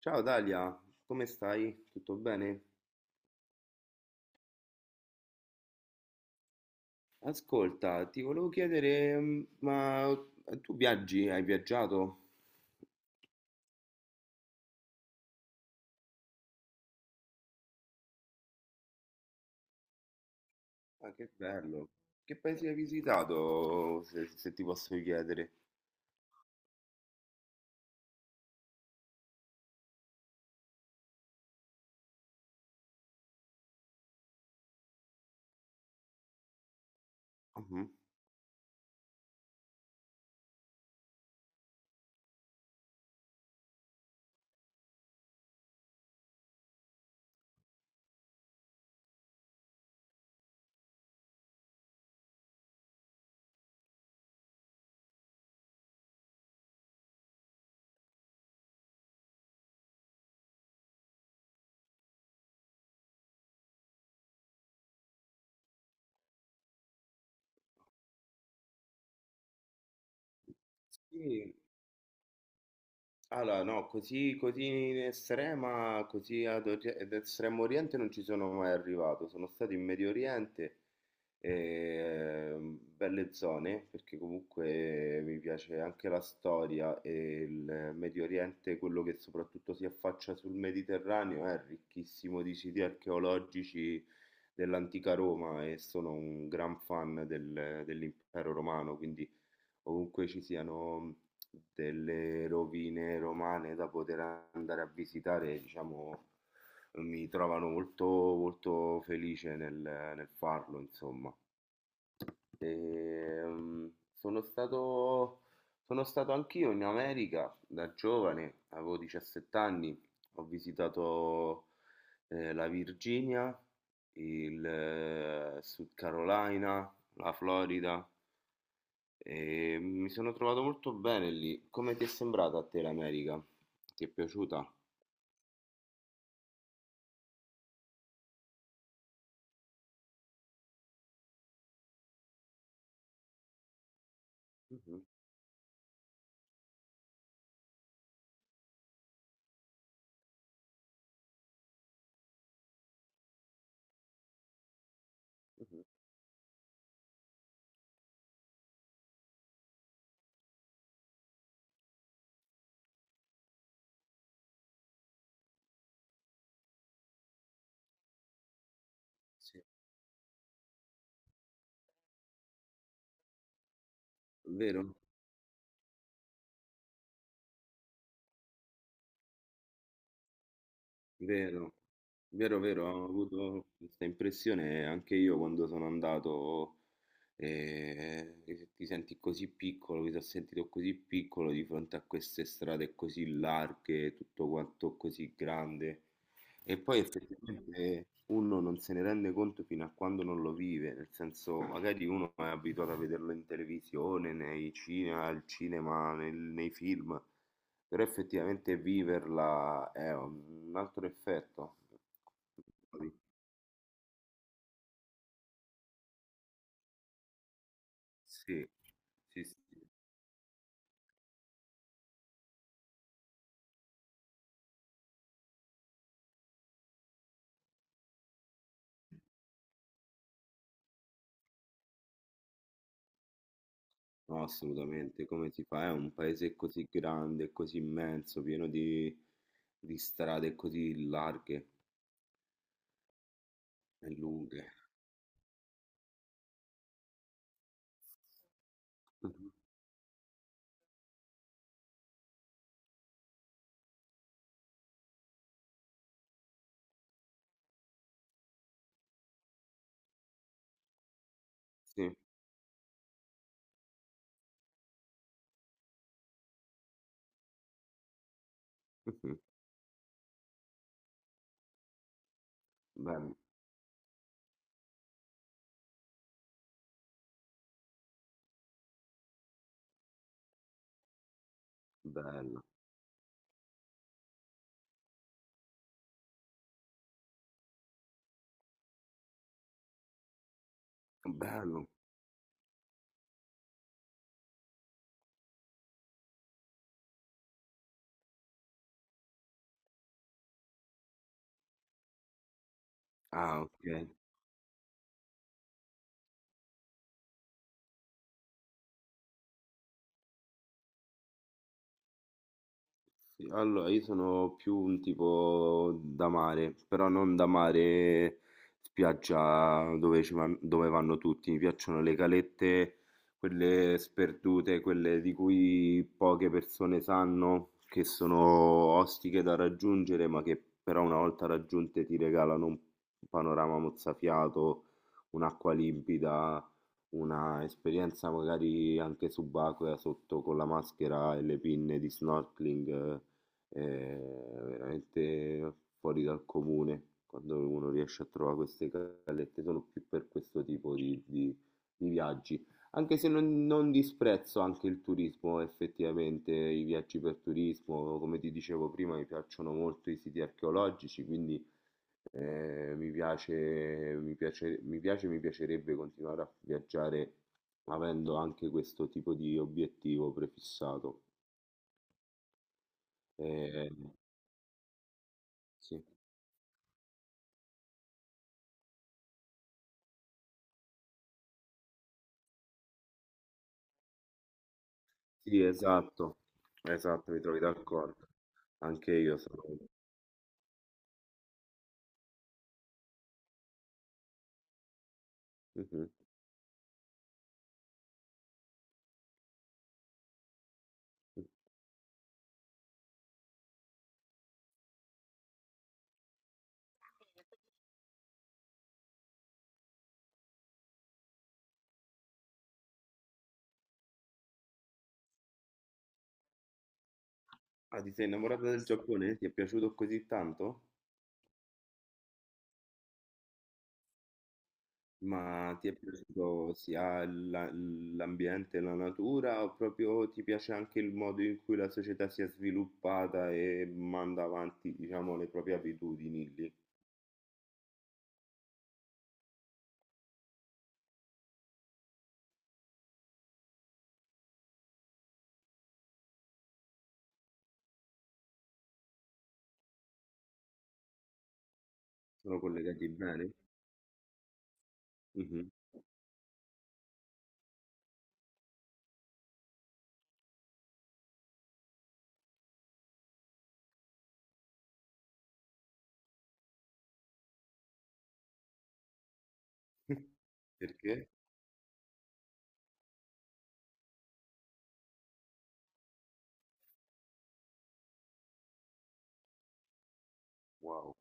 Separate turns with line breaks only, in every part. Ciao Dalia, come stai? Tutto bene? Ascolta, ti volevo chiedere, ma tu viaggi? Hai viaggiato? Ah, che bello! Che paesi hai visitato, se ti posso chiedere? Mhm. Sì, allora, no, così in estrema, così ad, ad Estremo Oriente non ci sono mai arrivato. Sono stato in Medio Oriente, belle zone, perché comunque mi piace anche la storia e il Medio Oriente, quello che soprattutto si affaccia sul Mediterraneo, è ricchissimo di siti archeologici dell'antica Roma e sono un gran fan dell'impero romano, quindi ovunque ci siano delle rovine romane da poter andare a visitare, diciamo, mi trovano molto, molto felice nel farlo, insomma. Ehm, sono stato, sono stato anch'io in America da giovane, avevo 17 anni, ho visitato la Virginia, il Sud Carolina, la Florida, e mi sono trovato molto bene lì. Come ti è sembrata a te l'America? Ti è piaciuta? Mhm, mhm, sì. Vero, vero, vero, ho avuto questa impressione anche io quando sono andato, che ti senti così piccolo, mi sono sentito così piccolo di fronte a queste strade così larghe, tutto quanto così grande. E poi effettivamente uno non se ne rende conto fino a quando non lo vive, nel senso magari uno è abituato a vederlo in televisione, nei cinema, al cinema, nei film, però effettivamente viverla è un altro effetto. Sì, sì, sì, no, assolutamente, come si fa? È un paese così grande, così immenso, pieno di strade così larghe e lunghe. Sì. Bello, bello, bello. Ah, ok. Sì, allora, io sono più un tipo da mare, però non da mare spiaggia dove, dove vanno tutti. Mi piacciono le calette, quelle sperdute, quelle di cui poche persone sanno, che sono ostiche da raggiungere, ma che però una volta raggiunte ti regalano un panorama mozzafiato, un'acqua limpida, una esperienza magari anche subacquea sotto con la maschera e le pinne di snorkeling. È veramente fuori dal comune quando uno riesce a trovare queste callette, sono più per questo tipo di viaggi. Anche se non, non disprezzo anche il turismo, effettivamente, i viaggi per turismo, come ti dicevo prima, mi piacciono molto i siti archeologici, quindi mi piacerebbe continuare a viaggiare avendo anche questo tipo di obiettivo prefissato. Eh, sì. Sì, esatto, mi trovi d'accordo. Anche io sono... Mhm. Ah, ti sei innamorata del Giappone? Ti è piaciuto così tanto? Ma ti è piaciuto sia l'ambiente, la natura, o proprio ti piace anche il modo in cui la società si è sviluppata e manda avanti, diciamo, le proprie abitudini lì? Sono collegati bene? Mhm. Perché? Wow.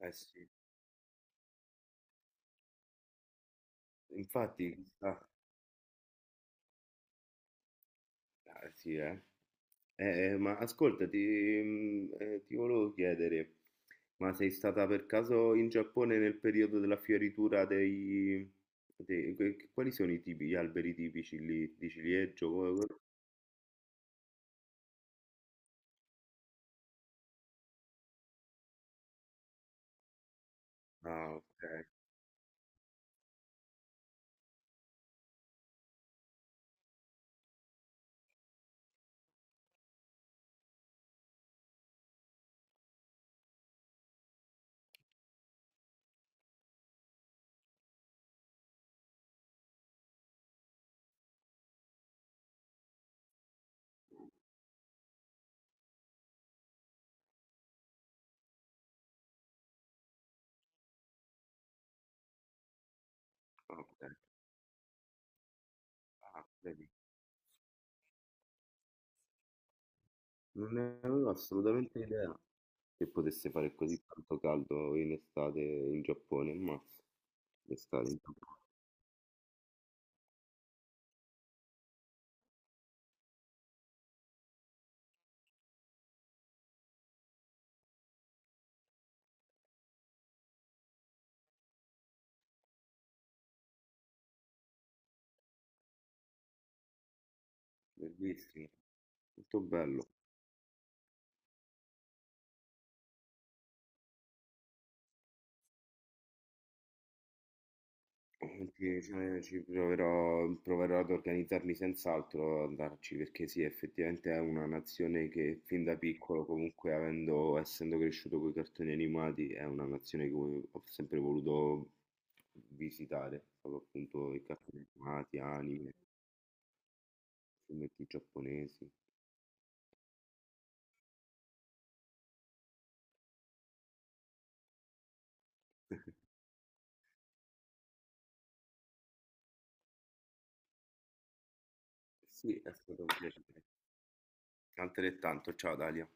Eh sì, infatti, chissà. Ah, sì, eh. Ma ascolta, ti volevo chiedere, ma sei stata per caso in Giappone nel periodo della fioritura dei... quali sono i tipi, gli alberi tipici lì, di ciliegio? Ah, ok, ah, ok, ah, vedi. Non ne avevo assolutamente idea che potesse fare così tanto caldo in estate in Giappone, ma l'estate in Giappone, bellissimo, molto bello. Sì, cioè, ci proverò, proverò ad organizzarmi senz'altro ad andarci perché sì, effettivamente è una nazione che fin da piccolo, comunque avendo, essendo cresciuto con i cartoni animati, è una nazione che ho sempre voluto visitare, proprio appunto i cartoni animati, anime, fumetti giapponesi. Sì, è stato un piacere. Altrettanto, ciao Dalia.